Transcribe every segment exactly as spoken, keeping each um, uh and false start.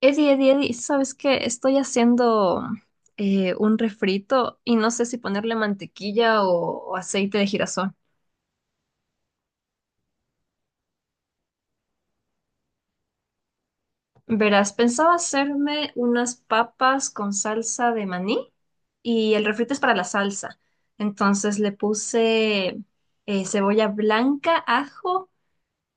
Eddie, Eddie, Eddie, ¿sabes qué? Estoy haciendo eh, un refrito y no sé si ponerle mantequilla o, o aceite de girasol. Verás, pensaba hacerme unas papas con salsa de maní y el refrito es para la salsa. Entonces le puse eh, cebolla blanca, ajo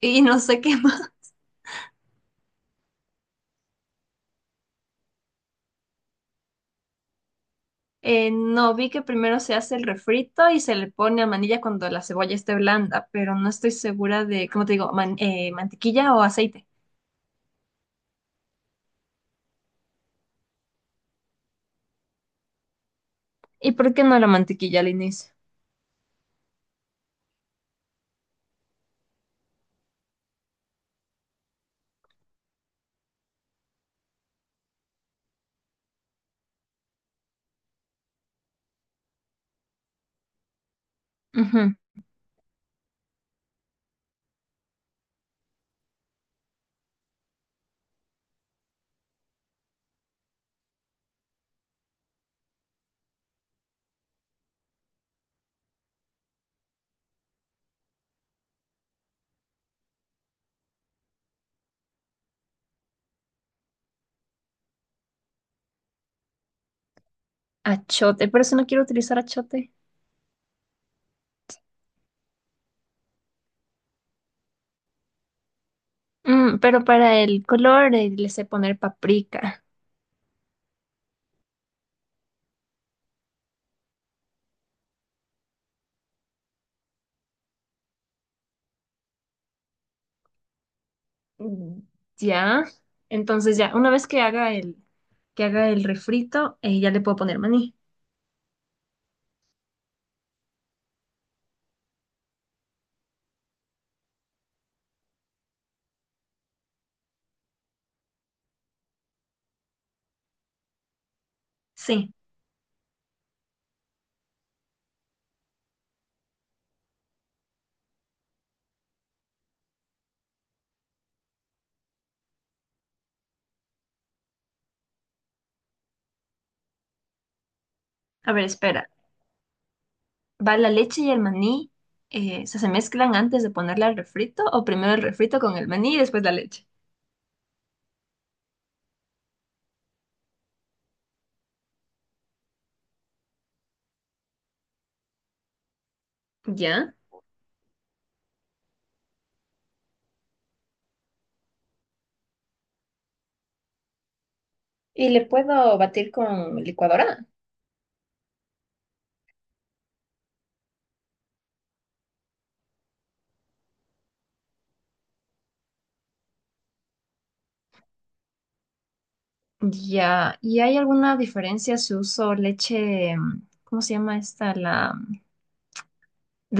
y no sé qué más. Eh, no, vi que primero se hace el refrito y se le pone a manilla cuando la cebolla esté blanda, pero no estoy segura de, ¿cómo te digo? Man- eh, mantequilla o aceite. ¿Y por qué no la mantequilla al inicio? Ujú. Achote, pero eso no quiero utilizar achote. Mm, pero para el color eh, le sé poner paprika. Mm. Ya. Entonces ya, una vez que haga el, que haga el refrito, eh, ya le puedo poner maní. Sí. A ver, espera. ¿Va la leche y el maní? Eh, o sea, ¿se mezclan antes de ponerle al refrito? ¿O primero el refrito con el maní y después la leche? Ya. ¿Y le puedo batir con licuadora? Ya, ¿y hay alguna diferencia si uso leche, mm, ¿cómo se llama esta? La mm,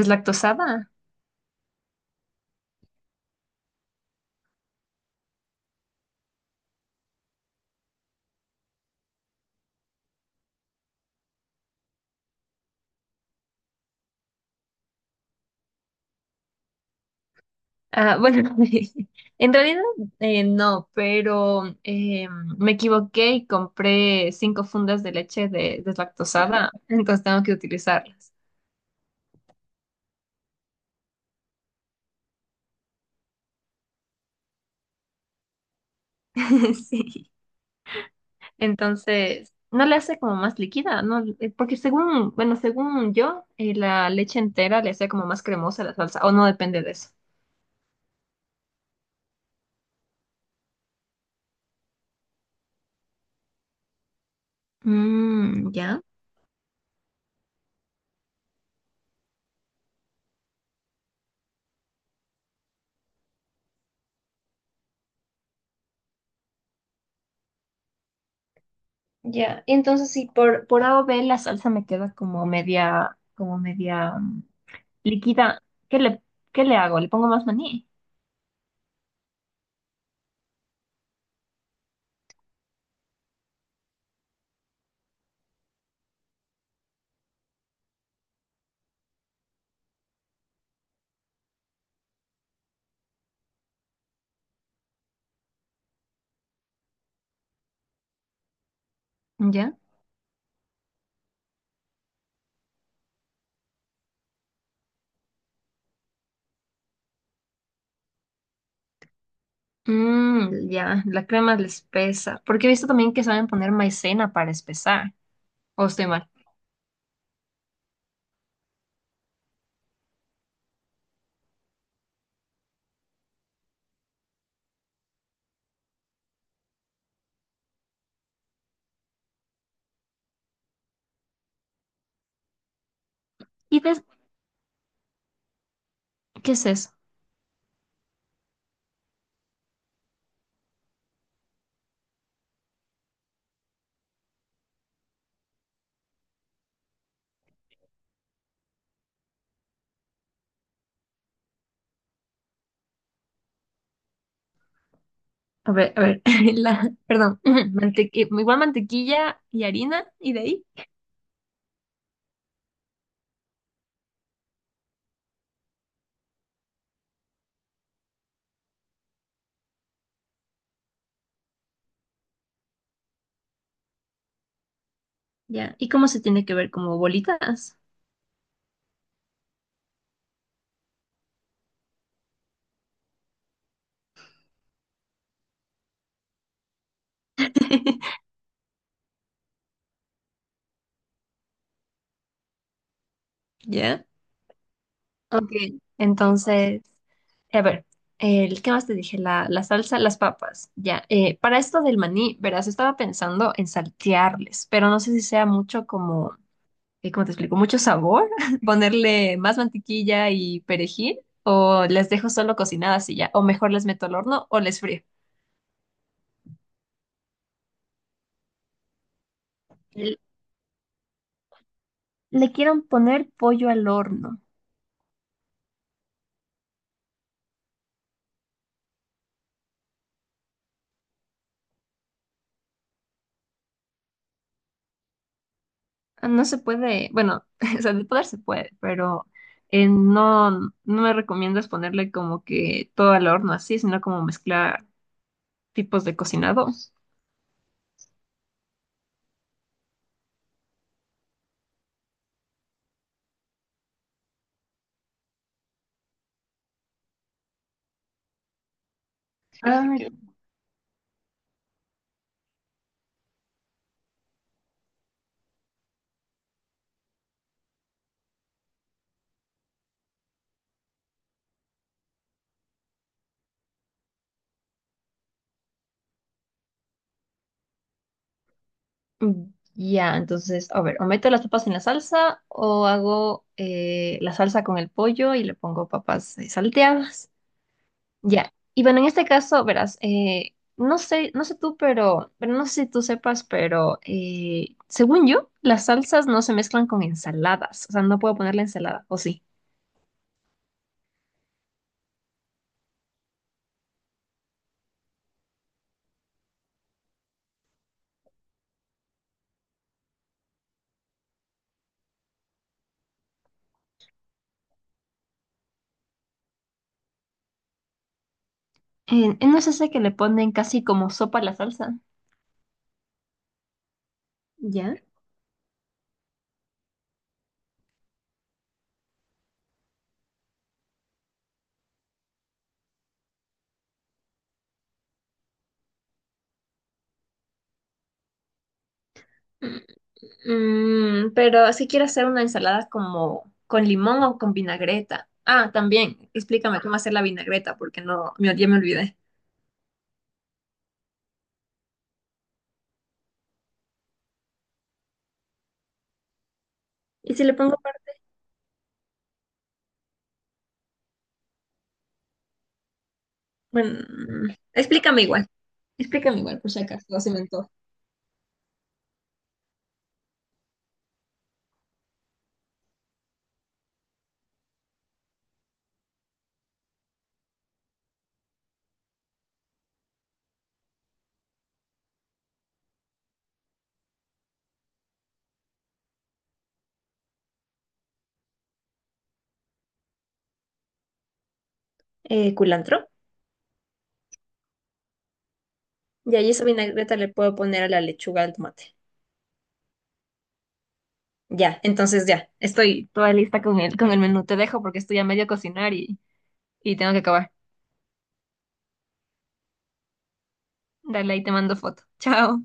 deslactosada. Ah, bueno, en realidad eh, no, pero mm, eh, me equivoqué y compré cinco fundas de leche de deslactosada, entonces tengo que utilizarlas. Sí. Entonces, no le hace como más líquida, ¿no? Eh, porque según, bueno, según yo, eh, la leche entera le hace como más cremosa la salsa, o no depende de eso. Mm, ya. Ya, y entonces sí, por, por A o B la salsa me queda como media, como media mm, líquida. ¿Qué le, ¿qué le hago? ¿Le pongo más maní? ¿Ya? Mm, ya, la crema le espesa. Porque he visto también que saben poner maicena para espesar. O estoy mal. ¿Y des- ¿qué es eso? A ver, a ver, la, perdón, mantequi- igual mantequilla y harina, y de ahí. Ya, ¿y cómo se tiene que ver? ¿Como bolitas? ¿Ya? Ok, entonces. Eh, A ver, el, ¿qué más te dije? La, la salsa, las papas. Ya, eh, para esto del maní, verás, estaba pensando en saltearles, pero no sé si sea mucho como, eh, ¿cómo te explico? Mucho sabor, ponerle más mantequilla y perejil, o las dejo solo cocinadas y ya, o mejor les meto al horno o les frío. L- Le quieren poner pollo al horno. Ah, no se puede, bueno, o sea, de poder se puede, pero eh, no, no me recomiendas ponerle como que todo al horno así, sino como mezclar tipos de cocinado. Mm. Ya, entonces, a ver, o meto las papas en la salsa o hago eh, la salsa con el pollo y le pongo papas eh, salteadas. Ya. Y bueno, en este caso, verás, eh, no sé, no sé tú, pero, pero no sé si tú sepas, pero eh, según yo, las salsas no se mezclan con ensaladas. O sea, no puedo poner la ensalada, ¿o sí? Eh, no es ese que le ponen casi como sopa a la salsa. ¿Ya? Mm, pero si quiero hacer una ensalada como con limón o con vinagreta. Ah, también, explícame cómo hacer la vinagreta, porque no, me- ya me olvidé. Y si le pongo, par- bueno, mm, explícame igual, explícame igual, por si acaso, no se me antoja. Eh, culantro. Y ahí esa vinagreta le puedo poner a la lechuga al tomate. Ya, entonces ya, estoy toda lista con el, con el menú. Te dejo porque estoy a medio cocinar y, y tengo que acabar. Dale, ahí te mando foto. Chao.